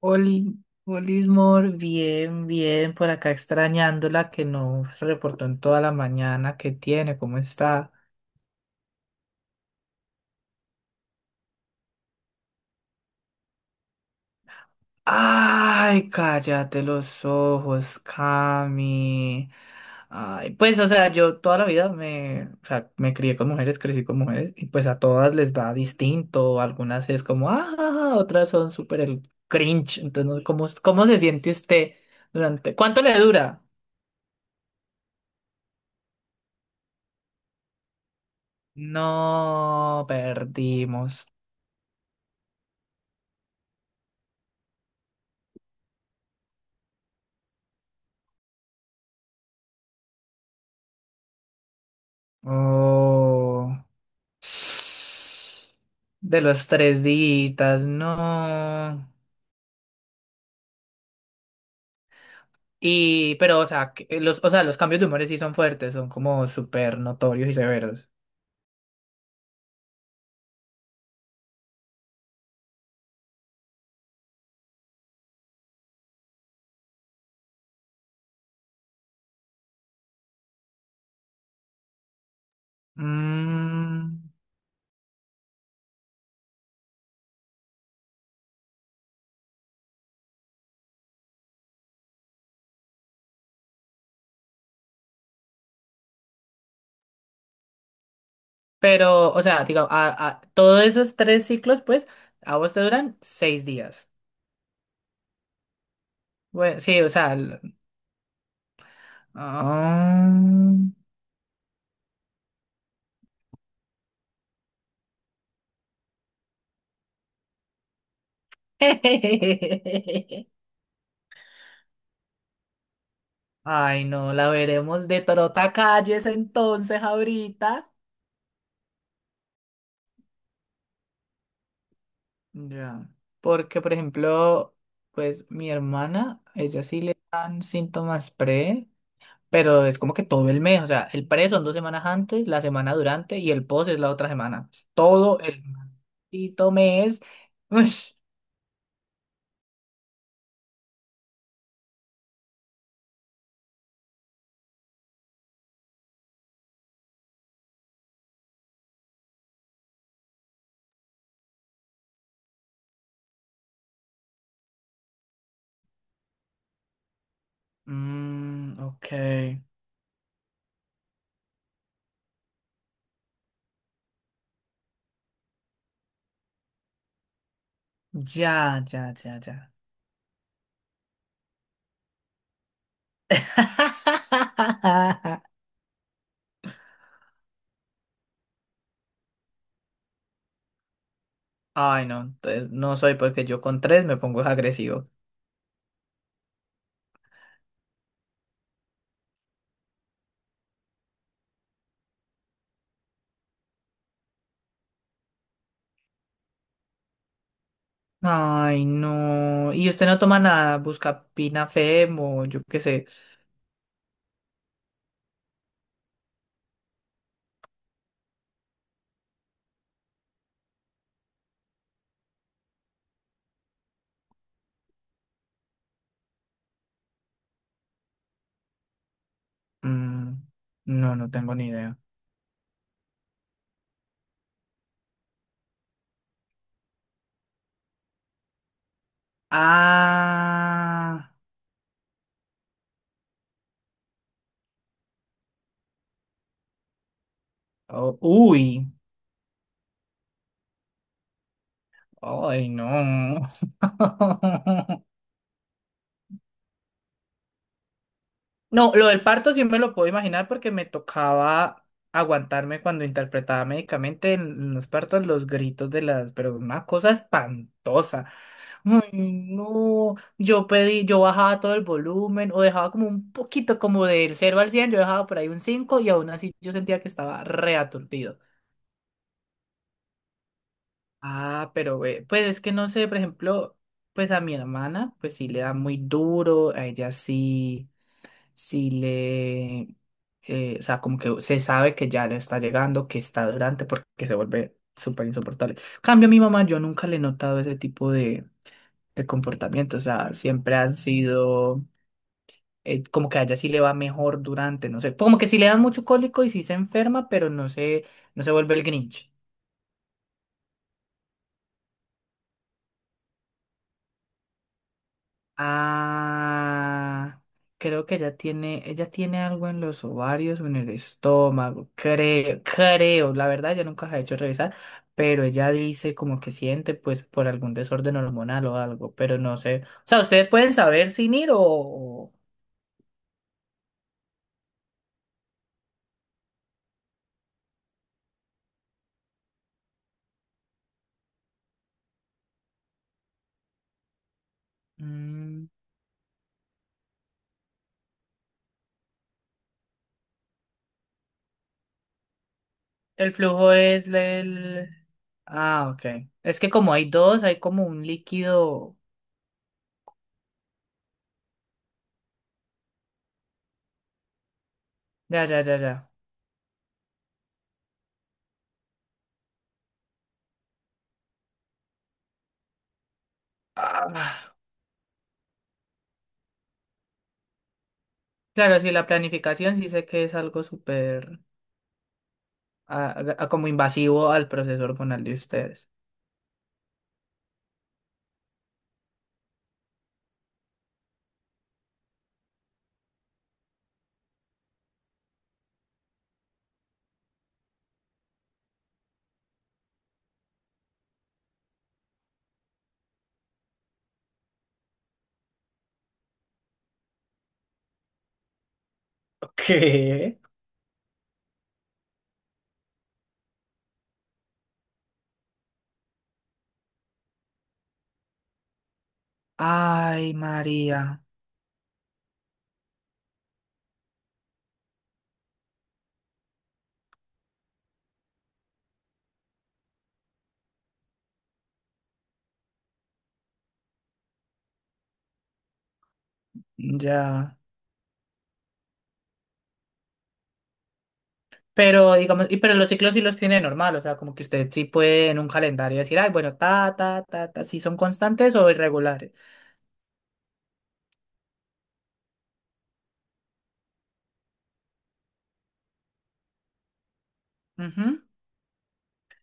Oli, Olismor, bien, bien, por acá extrañándola que no se reportó en toda la mañana. ¿Qué tiene? ¿Cómo está? Ay, cállate los ojos, Cami. Ay, pues, o sea, yo toda la vida me crié con mujeres, crecí con mujeres, y pues a todas les da distinto. Algunas es como, ah, otras son súper el cringe. Entonces, ¿no? ¿¿Cómo se siente usted durante, cuánto le dura? No, perdimos. Oh. De los 3 días, no. Y, pero, o sea, que los, o sea, los cambios de humores sí son fuertes, son como súper notorios y severos. Mm, pero, o sea, digo, todos esos tres ciclos, pues, a vos te duran 6 días. Bueno, sí, o sea. Ah. Ay, no, la veremos de trota calles entonces ahorita. Ya. Porque, por ejemplo, pues mi hermana, ella sí le dan síntomas pre, pero es como que todo el mes. O sea, el pre son 2 semanas antes, la semana durante y el post es la otra semana. Es todo el maldito mes. Ush. Mm, ok. Ya, ya, ya, ya. Ay, no, entonces no soy porque yo con tres me pongo agresivo. Ay, no. Y usted no toma nada, busca pinafem o yo qué sé. Mm, no, no tengo ni idea. Ah, oh, uy. Ay, no. No, lo del parto sí me lo puedo imaginar porque me tocaba aguantarme cuando interpretaba médicamente en los partos los gritos de las, pero una cosa espantosa. Ay, no, yo pedí, yo bajaba todo el volumen o dejaba como un poquito, como del cero al 100. Yo dejaba por ahí un 5 y aún así yo sentía que estaba reaturdido. Ah, pero ve, pues es que no sé, por ejemplo, pues a mi hermana, pues sí le da muy duro, a ella sí. Si le, o sea, como que se sabe que ya le está llegando, que está durante, porque se vuelve súper insoportable. Cambio a mi mamá, yo nunca le he notado ese tipo de comportamiento, o sea, siempre han sido, como que a ella sí le va mejor durante, no sé, como que sí le dan mucho cólico y sí se enferma, pero no se, no se vuelve el Grinch. Ah, creo que ella tiene algo en los ovarios o en el estómago, creo, creo, la verdad yo nunca la he hecho revisar, pero ella dice como que siente pues por algún desorden hormonal o algo, pero no sé, o sea, ustedes pueden saber sin ir o mm, ¿el flujo es el...? Ah, ok, es que como hay dos, hay como un líquido, ya, ya, ya, ya. Ah, claro, sí, la planificación sí sé que es algo súper... como invasivo al proceso hormonal de ustedes. ¿Qué? Ay, María, ya. Pero digamos, y pero los ciclos sí los tiene normal, o sea, como que usted sí puede en un calendario decir, ay, bueno, ta, ta, ta, ta, si son constantes o irregulares. Ujú.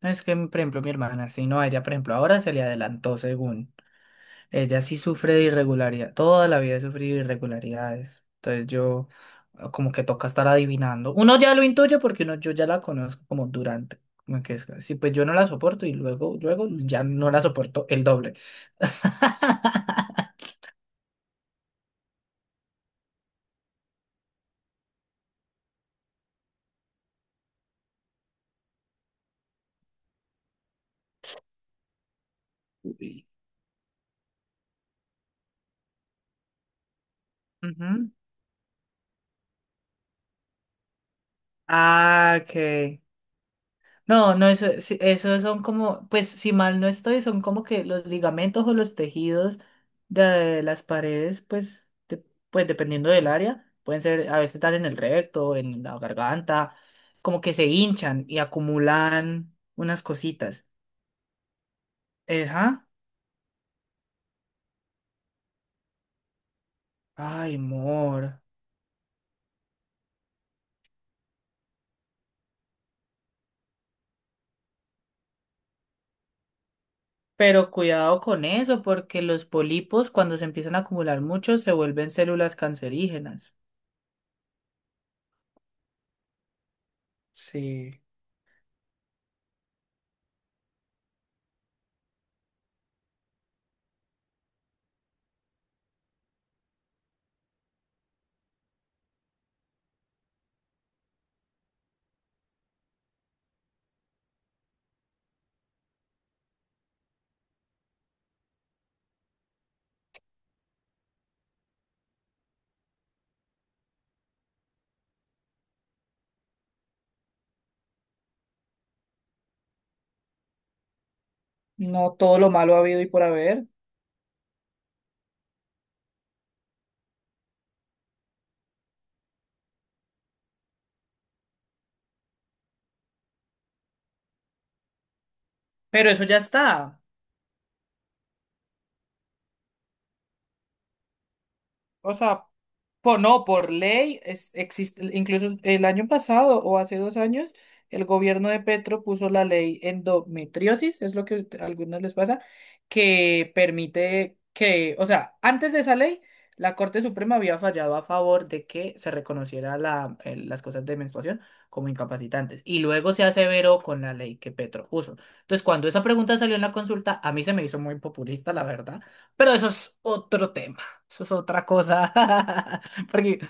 No es que, por ejemplo, mi hermana, si no, a ella, por ejemplo, ahora se le adelantó según. Ella sí sufre de irregularidad, toda la vida he sufrido de irregularidades. Entonces yo como que toca estar adivinando. Uno ya lo intuye porque uno, yo ya la conozco como durante. Como que es, sí, pues yo no la soporto y luego, luego ya no la soporto el doble. Ujú. Ah, ok. No, no, eso, sí, eso son como, pues si mal no estoy, son como que los ligamentos o los tejidos de las paredes, pues, de- pues dependiendo del área, pueden ser, a veces están en el recto, en la garganta, como que se hinchan y acumulan unas cositas. Ajá. Ay, amor. Pero cuidado con eso, porque los pólipos, cuando se empiezan a acumular mucho, se vuelven células cancerígenas. Sí. No todo lo malo ha habido y por haber, pero eso ya está. O sea, po- no, por ley, es, existe, incluso el año pasado o hace 2 años, el gobierno de Petro puso la ley endometriosis, es lo que a algunos les pasa, que permite que, o sea, antes de esa ley, la Corte Suprema había fallado a favor de que se reconociera la, las cosas de menstruación como incapacitantes. Y luego se aseveró con la ley que Petro puso. Entonces, cuando esa pregunta salió en la consulta, a mí se me hizo muy populista, la verdad, pero eso es otro tema. Eso es otra cosa. Porque,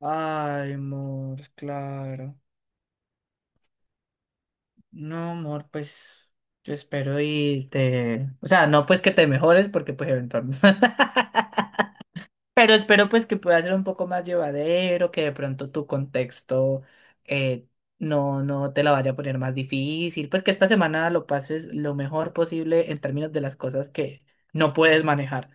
ay, amor, claro. No, amor, pues yo espero y te... O sea, no pues que te mejores porque pues eventualmente... Pero espero pues que pueda ser un poco más llevadero, que de pronto tu contexto eh, no, no te la vaya a poner más difícil, pues que esta semana lo pases lo mejor posible en términos de las cosas que no puedes manejar.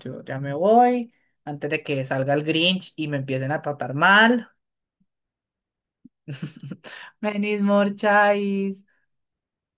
Yo ya me voy antes de que salga el Grinch y me empiecen a tratar mal. Venís, Morchais.